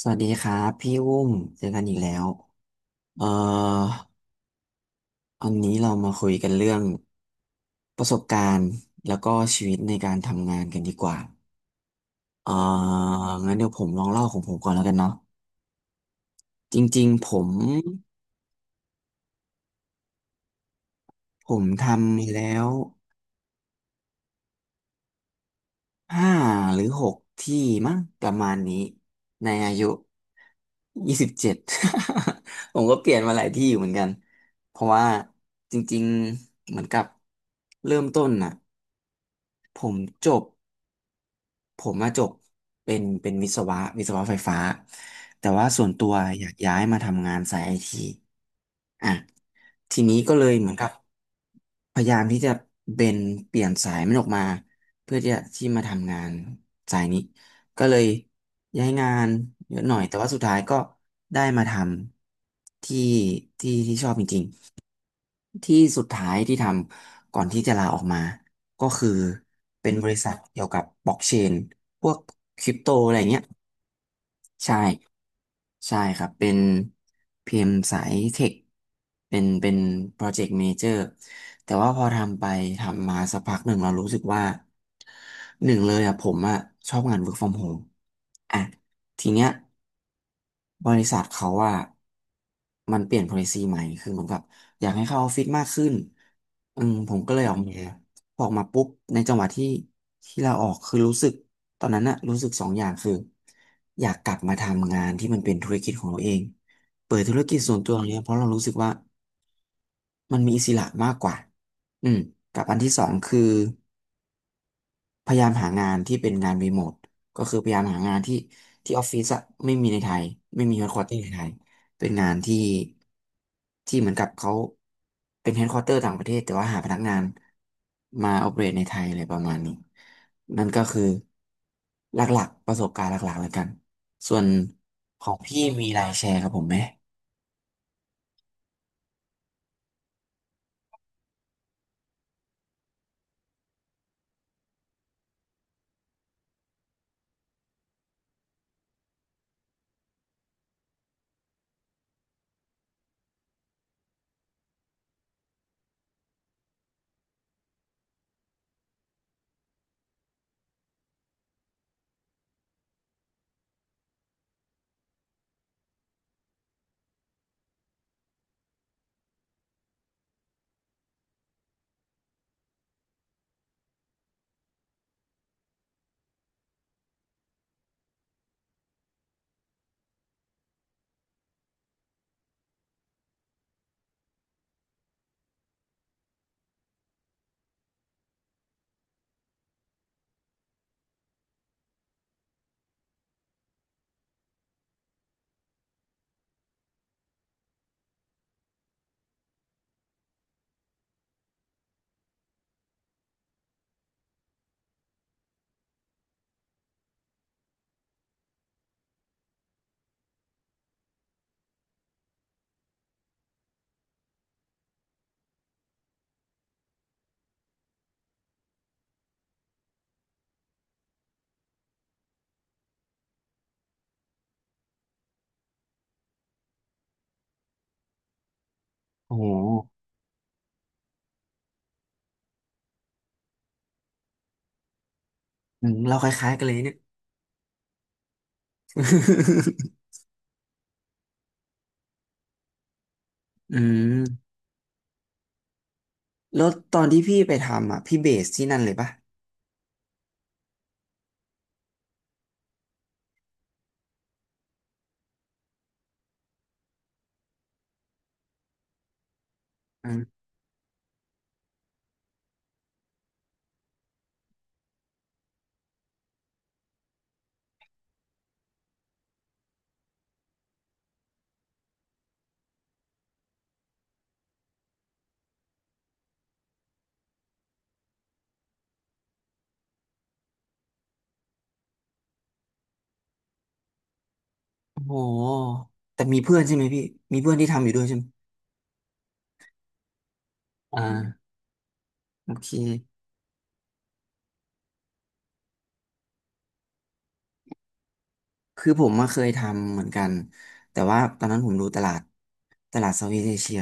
สวัสดีครับพี่อุ้มเจอกันอีกแล้วเอ่อวันนี้เรามาคุยกันเรื่องประสบการณ์แล้วก็ชีวิตในการทำงานกันดีกว่าเอ่องั้นเดี๋ยวผมลองเล่าของผมก่อนแล้วกันเนาะจริงๆผมทำมาแล้วห้าหรือหกที่มั้งประมาณนี้ในอายุยี่สิบเจ็ด ผมก็เปลี่ยนมาหลายที่อยู่เหมือนกันเพราะว่าจริงๆเหมือนกับเริ่มต้นน่ะ ผมจบผมมาจบเป็นวิศวะไฟฟ้าแต่ว่าส่วนตัวอยากย้ายมาทำงานสายไอทีอ่ะทีนี้ก็เลยเหมือนกับพยายามที่จะเบนเปลี่ยนสายมันออกมาเพื่อที่จะที่มาทำงานสายนี้ก็เลยย้ายงานเยอะหน่อยแต่ว่าสุดท้ายก็ได้มาทำที่ที่ที่ชอบจริง ที่สุดท้ายที่ทำก่อนที่จะลาออกมาก็คือเป็นบริษัทเกี่ยวกับบล็อกเชนพวกคริปโตอะไรเงี้ยใช่ใช่ครับเป็นพีเอ็มสายเทคเป็นโปรเจกต์เมเจอร์แต่ว่าพอทำไปทำมาสักพักหนึ่งเรารู้สึกว่า หนึ่งเลยอ่ะผมอ่ะชอบงาน work from home อ่ะทีเนี้ยบริษัทเขาว่ามันเปลี่ยน policy ใหม่คือเหมือนกับอยากให้เข้าออฟฟิศมากขึ้นอืมผมก็เลยออกมาพอออกมาปุ๊บในจังหวะที่ที่เราออกคือรู้สึกตอนนั้นน่ะรู้สึกสองอย่างคืออยากกลับมาทำงานที่มันเป็นธุรกิจของเราเองเปิดธุรกิจส่วนตัวเนี้ยเพราะเรารู้สึกว่ามันมีอิสระมากกว่าอืมกับอันที่สองคือ พยายามหางานที่เป็นงานรีโมทก็คือพยายามหางานที่ที่ออฟฟิศอะไม่มีในไทยไม่มีเฮดค q u เตอร์ในไทยเป็นงานที่ที่เหมือนกับเขาเป็นเฮดค q u เตอร์ต่างประเทศแต่ว่าหาพนักงานมาออเปเรตในไทยอะไรประมาณนี้นั่นก็คือหลักๆประสบการณ์หลักๆแล้วกันส่วนของพี่มีรายแชร์ครับผมไหมโอ้โหอืมเราคล้ายๆกันเลยเนี่ย อืมแล้วตอนที่พี่ไปทำอ่ะพี่เบสที่นั่นเลยปะอืม โอ้โหแต่มีเพื่อนใช่ไหมพี่ มีเพื่อนที่ทำอยู่ด้วยใช่ไหม อ่าโอเค คือผมมาเคยทำเหมือนกัน แต่ว่าตอนนั้นผมดูตลาด ตลาดเซาท์อีสต์เอเชีย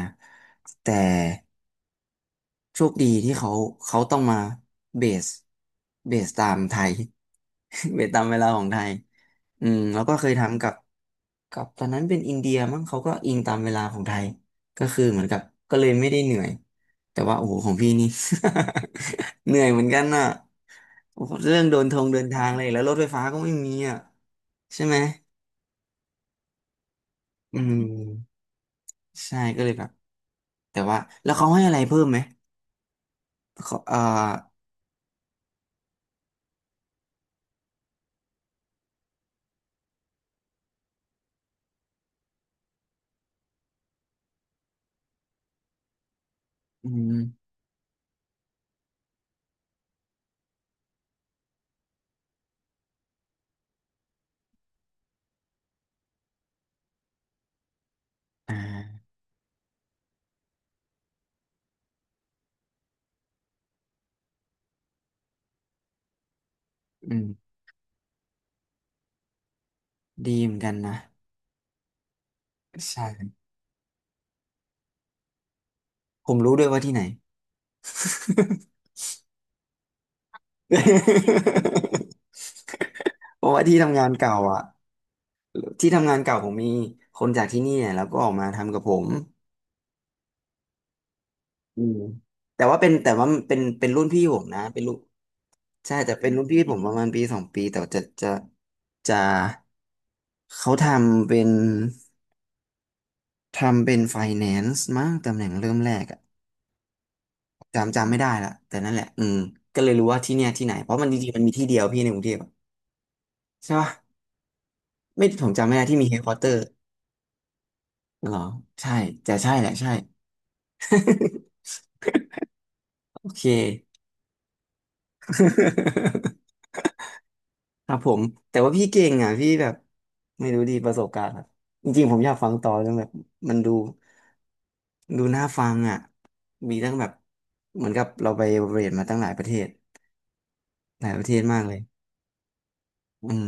แต่ โชคดีที่เขาเขาต้องมาเบสตามไทย เบสตามเวลาของไทยอืมแล้วก็เคยทำกับตอนนั้นเป็นอินเดียมั้งเขาก็อิงตามเวลาของไทยก็คือเหมือนกับก็เลยไม่ได้เหนื่อยแต่ว่าโอ้โหของพี่นี่ เหนื่อยเหมือนกันน่ะโอ้โหเรื่องเดินทางเลยแล้วรถไฟฟ้าก็ไม่มีอ่ะใช่ไหมอืมใช่ก็เลยแบบแต่ว่าแล้วเขาให้อะไรเพิ่มไหมเขาอืมอ่าอืม ดีเหมือนกันนะใช่ผมรู้ด้วยว่าที่ไหน เพราะว่าที่ทำงานเก่าอ่ะที่ทำงานเก่าผมมีคนจากที่นี่เนี่ยแล้วก็ออกมาทำกับผมอืมแต่ว่าเป็นรุ่นพี่ผมนะเป็นรุ่นใช่แต่เป็นรุ่นพี่ผมประมาณปีสองปีแต่ว่าจะเขาทำเป็นไฟแนนซ์มั้งตำแหน่งเริ่มแรกอะจำไม่ได้ละแต่นั่นแหละอืมก็เลยรู้ว่าที่เนี่ยที่ไหนเพราะมันจริงๆมันมีที่เดียวพี่ในกรุงเทพอะใช่ปะ ไม่ผมจำไม่ได้ที่มีเฮดควอเตอร์เหรอใช่แต่ใช่แหละใช่ โอเคครับผมแต่ว่าพี่เก่งอ่ะพี่แบบไม่รู้ดีประสบการณ์อะจริงๆผมอยากฟังต่อจนแบบมันดูน่าฟังอ่ะมีตั้งแบบเหมือนกับเราไปเรียนมาตั้งหลายประเทศหลายประเทศมากเลยอืม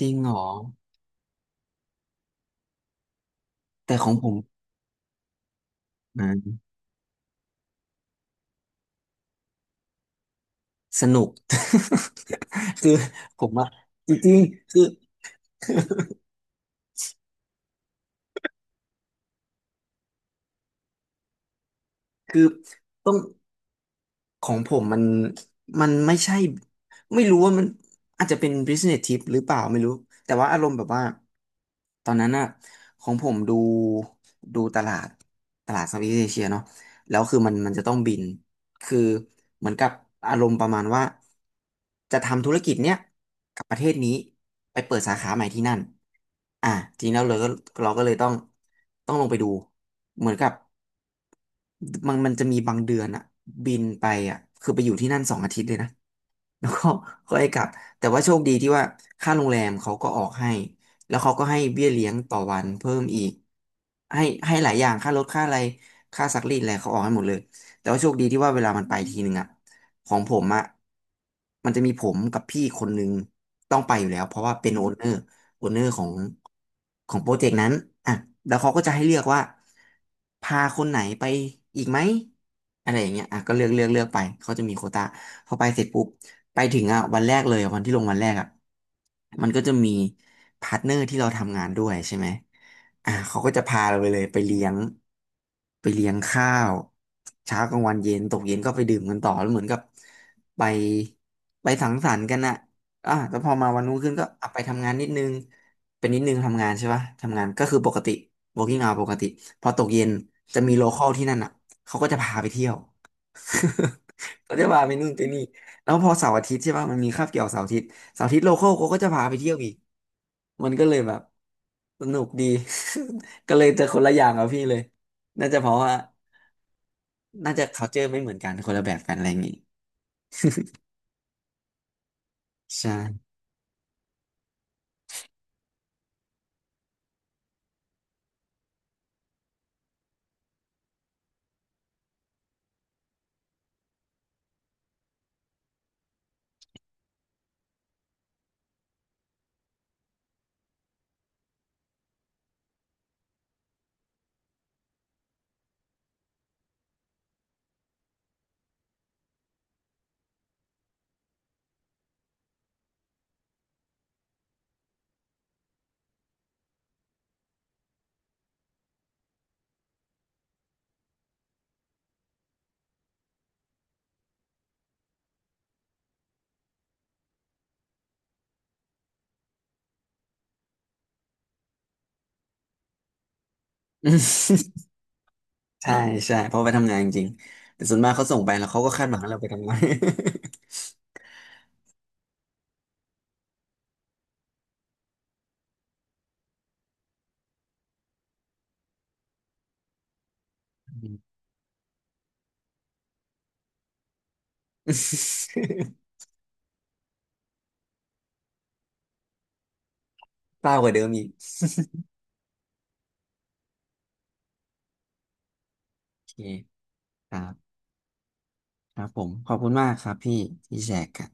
จริงเหรอแต่ของผมอ่าสนุก คือผมอะจริงๆคือคือต้อง ของผมมันมันไม่ใช่ไม่รู้ว่ามันอาจจะเป็น business tip หรือเปล่าไม่รู้แต่ว่าอารมณ์แบบว่าตอนนั้นอะของผมดูตลาดตลาดเซาท์อีสต์เอเชียเนาะแล้วคือมันจะต้องบินคือเหมือนกับอารมณ์ประมาณว่าจะทำธุรกิจเนี้ยกับประเทศนี้ไปเปิดสาขาใหม่ที่นั่นอ่ะทีนี้เราเลยก็เราก็เลยต้องลงไปดูเหมือนกับ มันจะมีบางเดือนอะบินไปอะคือไปอยู่ที่นั่นสองอาทิตย์เลยนะ แล้วก็ ก็ให้กลับแต่ว่าโชคดีที่ว่าค่าโรงแรมเขาก็ออกให้แล้วเขาก็ให้เบี้ยเลี้ยงต่อวันเพิ่มอีกให้ให้หลายอย่างค่ารถค่าอะไรค่าซักรีดอะไรเขาออกให้หมดเลยแต่ว่าโชคดีที่ว่าเวลามันไปทีหนึ่งอะของผมอะมันจะมีผมกับพี่คนหนึ่งต้องไปอยู่แล้วเพราะว่าเป็นโอนเนอร์โอนเนอร์ของโปรเจกต์นั้นอ่ะแล้วเขาก็จะให้เลือกว่าพาคนไหนไปอีกไหมอะไรอย่างเงี้ยอ่ะก็เลือกไปเขาจะมีโควตาพอไปเสร็จปุ๊บ ไปถึงอ่ะวันแรกเลยอะวันที่ลงวันแรกอ่ะมันก็จะมีพาร์ทเนอร์ที่เราทำงานด้วยใช่ไหมอ่ะเขาก็จะพาเราไปเลยไปเลี้ยงไปเลี้ยงข้าวเช้ากลางวันเย็นตกเย็นก็ไปดื่มกันต่อแล้วเหมือนกับไปไปสังสรรค์กันอ่ะอ่ะแล้วพอมาวันรุ่งขึ้นก็อ่ะไปทำงานนิดนึงเป็นนิดนึงทำงานใช่ปะทำงานก็คือปกติ working hour ปกติพอตกเย็นจะมีโลคอลที่นั่นอ่ะเขาก็จะพาไปเที่ยว เขาจะพาไปนู่นไปนี่ แล้วพอเสาร์อาทิตย์ใช่ป่ะมันมีคาบเกี่ยวเสาร์อาทิตย์เสาร์อาทิตย์โลคอลเขาก็จะพาไปเที่ยวอีกมันก็เลยแบบสนุกดี ก็เลยจะคนละอย่างกับพี่เลยน่าจะเพราะว่าน่าจะ culture ไม่เหมือนกันคนละแบบกันอะไรอย่างงี้ใช่ ใช่ใช่เพราะไปทำงานจริงแต่ส่วนมากเขาส่งไปแล้วเขาก็คาดหวังให้เราไปทำงาน เศร้ากว่าเดิมอีกโอเคครับครับผมขอบคุณมากครับพี่ที่แชร์กัน